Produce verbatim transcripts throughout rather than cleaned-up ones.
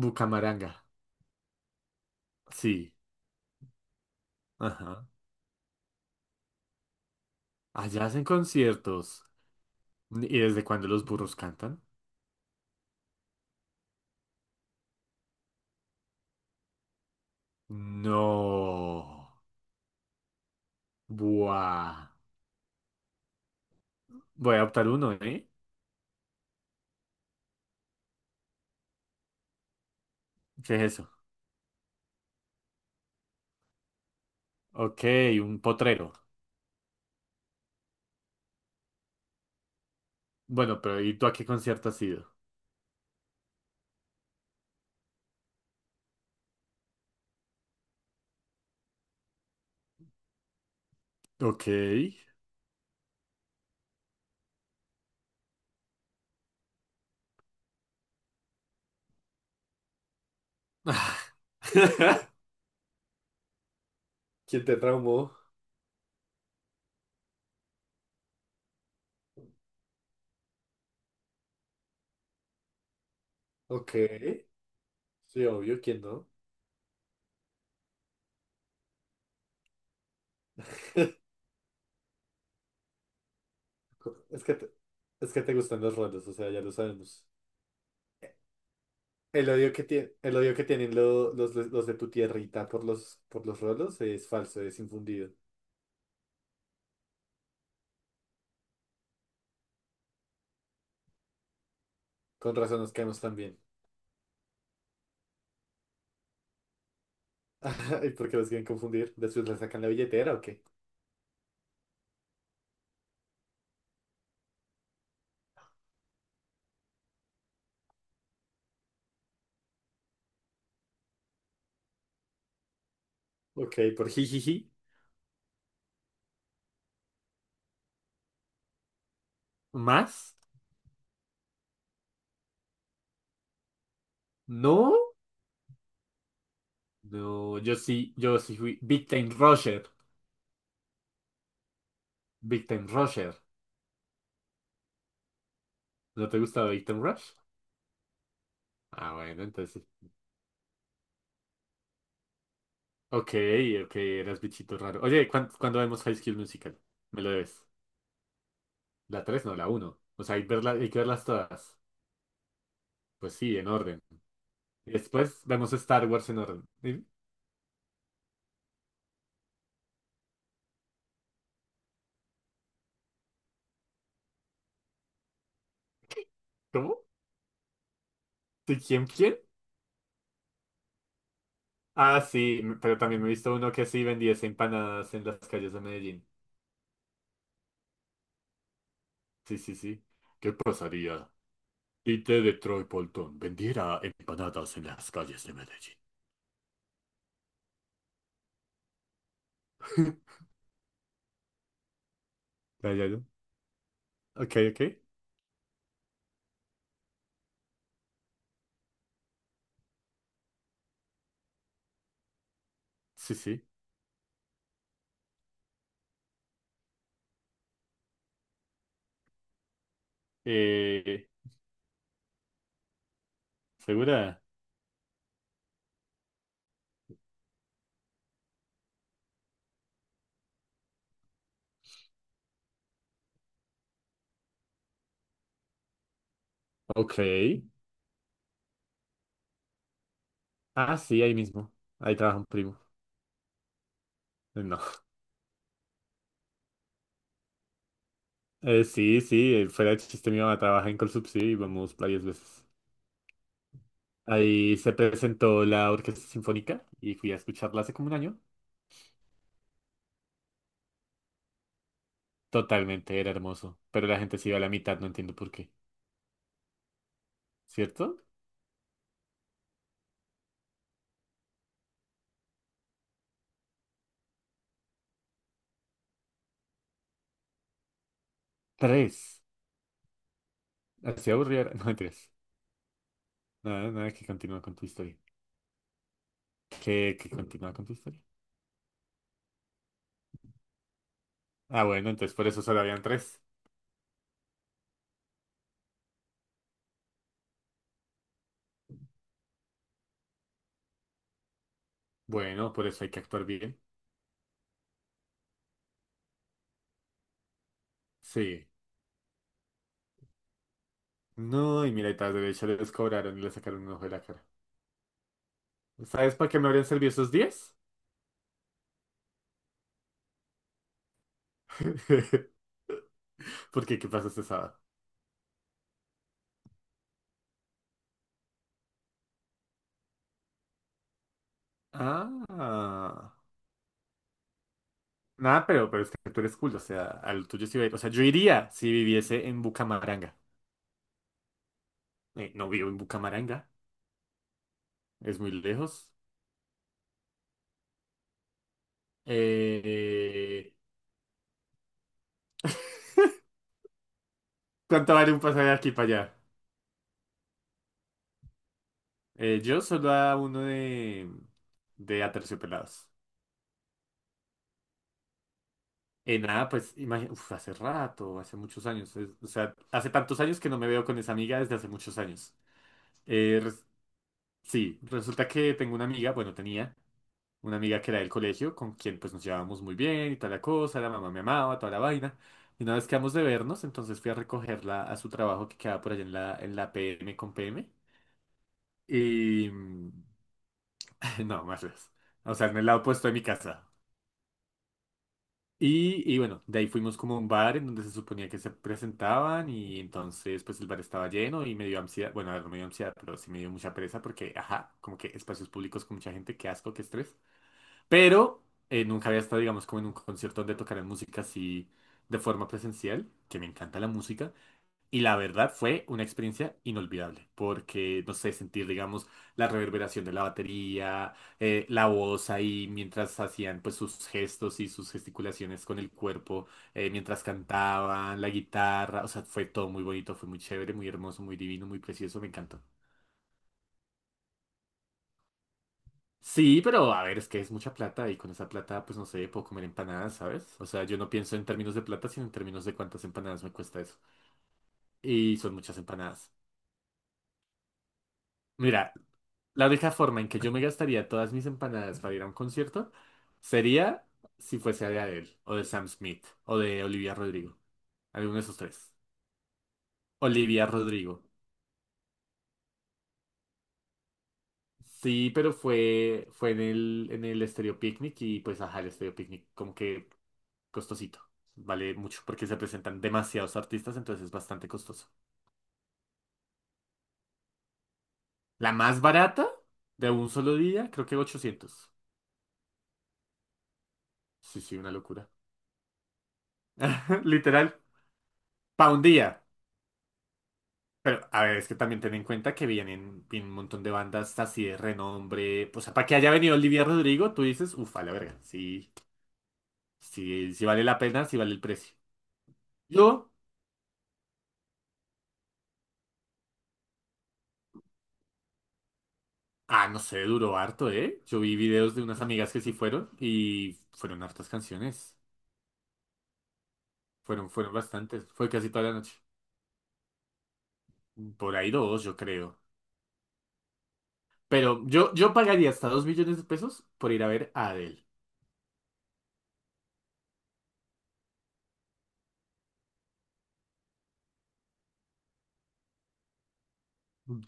Bucamaranga. Sí. Ajá. Allá hacen conciertos. ¿Y desde cuándo los burros cantan? No. Buah. Voy a optar uno, ¿eh? ¿Qué es eso? Ok, un potrero. Bueno, pero ¿y tú a qué concierto has ido? Ok. ¿Quién te traumó? Ok. Sí, obvio, ¿quién no? Es que te, es que te gustan los roles, o sea, ya lo sabemos. El odio que tiene el odio que tienen lo- los, de los de tu tierrita por los, por los rolos es falso, es infundido. Con razón nos caemos también. ¿Y por qué los quieren confundir? ¿Después le sacan la billetera o qué? Ok, por jijiji. ¿Más? No. No, yo sí, yo sí fui Victim Rusher. Victim Rusher. ¿No te gustaba Victim Rush? Ah, bueno, entonces sí. Ok, ok, eras bichito raro. Oye, ¿cuán- ¿cuándo, vemos High School Musical? Me lo debes. La tres no, la uno. O sea, hay, verla- hay que verlas todas. Pues sí, en orden. Y después vemos Star Wars en orden. ¿Y ¿Cómo? ¿Sí, quién, quién? Ah, sí, m- pero también me he visto uno que sí vendía empanadas en las calles de Medellín. Sí, sí, sí. ¿Qué pasaría si T de Troy Bolton vendiera empanadas en las calles de Medellín? Ya, ya, ya. Ok, ok. Sí, sí. Eh, ¿Segura? Ok. Ah, sí, ahí mismo. Ahí trabaja un primo. Eh, No. Eh, sí, sí, eh, fuera de chiste, mi mamá trabaja en Colsubsidio y vamos varias veces. Ahí se presentó la Orquesta Sinfónica y fui a escucharla hace como un año. Totalmente, era hermoso. Pero la gente se iba a la mitad, no entiendo por qué. ¿Cierto? Tres. Así aburrida. No, mentiras. Nada, nada, que continúa con tu historia. ¿Qué? ¿Que continúa con tu historia? Ah, bueno, entonces por eso solo habían tres. Bueno, por eso hay que actuar bien. Sí. No, y mira, y tras derecho les cobraron y le sacaron un ojo de la cara. ¿Sabes para qué me habrían servido esos diez? Porque, ¿qué pasa este sábado? Ah. Nada, pero, pero es que tú eres cool, o sea, al tuyo sí va a ir. O sea, yo iría si viviese en Bucamaranga. Eh, no vivo en Bucamaranga, es muy lejos. Eh, ¿Cuánto vale un pasaje de aquí para allá? Eh, yo solo a uno de, de Aterciopelados. Eh, nada, pues imagi- uf, hace rato, hace muchos años. Es- o sea, hace tantos años que no me veo con esa amiga desde hace muchos años. Eh, res- sí, resulta que tengo una amiga, bueno, tenía. Una amiga que era del colegio, con quien pues nos llevábamos muy bien y toda la cosa, la mamá me amaba, toda la vaina. Y una vez quedamos de vernos, entonces fui a recogerla a su trabajo que quedaba por allá en la, en la P M con P M. Y... mm, No, más lejos. O sea, en el lado opuesto de mi casa. Y, y bueno, de ahí fuimos como a un bar en donde se suponía que se presentaban y entonces pues el bar estaba lleno y me dio ansiedad, bueno, a ver, no me dio ansiedad, pero sí me dio mucha pereza porque, ajá, como que espacios públicos con mucha gente, qué asco, qué estrés. Pero eh, nunca había estado, digamos, como en un concierto donde tocaran música así de forma presencial, que me encanta la música. Y la verdad fue una experiencia inolvidable, porque, no sé, sentir, digamos, la reverberación de la batería, eh, la voz ahí mientras hacían pues sus gestos y sus gesticulaciones con el cuerpo, eh, mientras cantaban, la guitarra, o sea, fue todo muy bonito, fue muy chévere, muy hermoso, muy divino, muy precioso, me encantó. Sí, pero a ver, es que es mucha plata y con esa plata, pues no sé, puedo comer empanadas, ¿sabes? O sea, yo no pienso en términos de plata, sino en términos de cuántas empanadas me cuesta eso. Y son muchas empanadas. Mira, la única forma en que yo me gastaría todas mis empanadas para ir a un concierto sería si fuese de Adele, o de Sam Smith, o de Olivia Rodrigo. Alguno de esos tres. Olivia Rodrigo. Sí, pero fue, fue en el, en el Estéreo Picnic y pues ajá, el Estéreo Picnic como que costosito. Vale mucho porque se presentan demasiados artistas, entonces es bastante costoso. La más barata de un solo día, creo que ochocientos. Sí, sí, una locura. Literal, pa' un día. Pero, a ver, es que también ten en cuenta que vienen, vienen un montón de bandas así de renombre. O sea, para que haya venido Olivia Rodrigo, tú dices, ufa, la verga. Sí, sí, sí vale la pena, sí vale el precio. Yo, ah, no sé, duró harto, ¿eh? Yo vi videos de unas amigas que sí fueron y fueron hartas canciones. Fueron, fueron bastantes. Fue casi toda la noche. Por ahí dos, yo creo. Pero yo, yo pagaría hasta dos millones de pesos por ir a ver a Adele.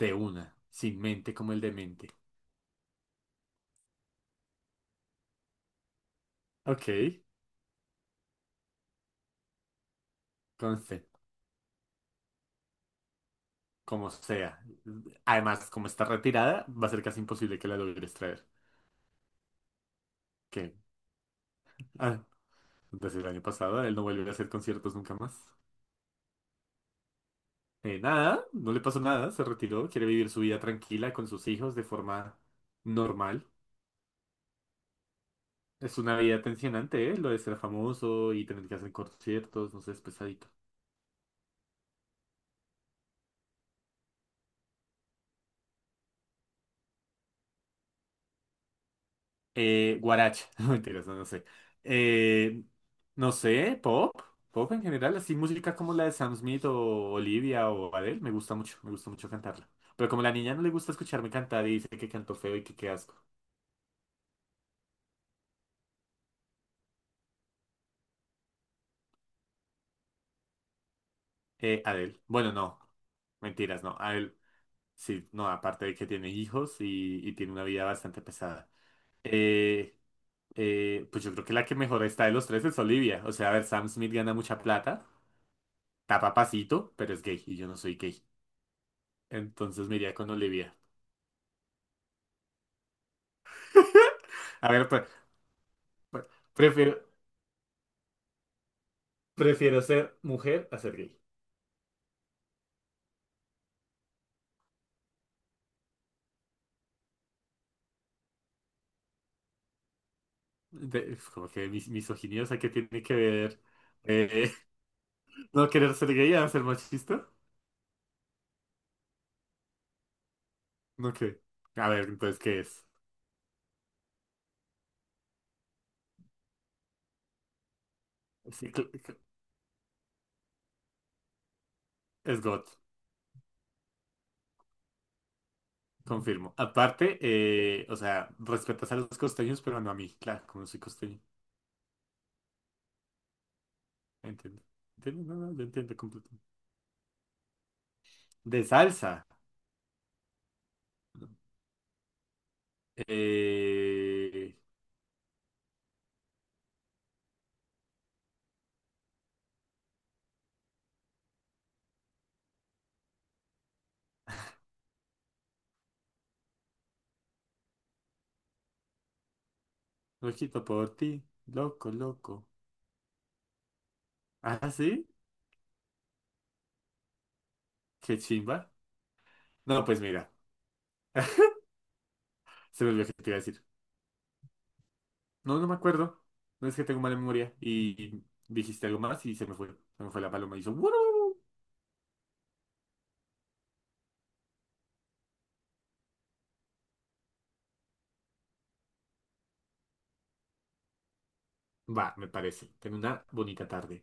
De una. Sin mente como el demente. Ok. Conste. Como sea. Además, como está retirada, va a ser casi imposible que la logres traer. Que, ah, Desde el año pasado, él no vuelve a hacer conciertos nunca más. Eh, nada, no le pasó nada, se retiró, quiere vivir su vida tranquila con sus hijos de forma normal. Es una vida tensionante, ¿eh? Lo de ser famoso y tener que hacer conciertos, no sé, es pesadito. Eh, guaracha, no mentiras, no, no sé. Eh, no sé, pop, pop en general, así música como la de Sam Smith o Olivia o Adele, me gusta mucho, me gusta mucho cantarla. Pero como la niña no le gusta escucharme cantar y dice que canto feo y que qué asco. Eh, Adele, bueno, no, mentiras, no, Adele, sí, no, aparte de que tiene hijos y, y tiene una vida bastante pesada. Eh, Eh, pues yo creo que la que mejor está de los tres es Olivia. O sea, a ver, Sam Smith gana mucha plata, está papacito, pero es gay y yo no soy gay. Entonces me iría con Olivia. A ver, pre- pre- prefiero, prefiero ser mujer a ser gay. De- es como que mis, misoginia, o sea, ¿qué tiene que ver eh, no querer ser gay a ser machista? No que. A ver, entonces, ¿qué es? Sí, cl- cl- es God, confirmo. Aparte, eh, o sea, respetas a los costeños, pero no a mí, claro, como soy costeño. Entiendo. Entiendo, no, no, lo entiendo completamente. De salsa. Eh, Loquito por ti. Loco, loco. Ah, sí. Qué chimba. No, pues mira. Se me olvidó que te iba a decir. No, no me acuerdo. No es que tengo mala memoria. Y y dijiste algo más y se me fue. Se me fue la paloma y hizo "Wurru". Va, me parece. Ten una bonita tarde.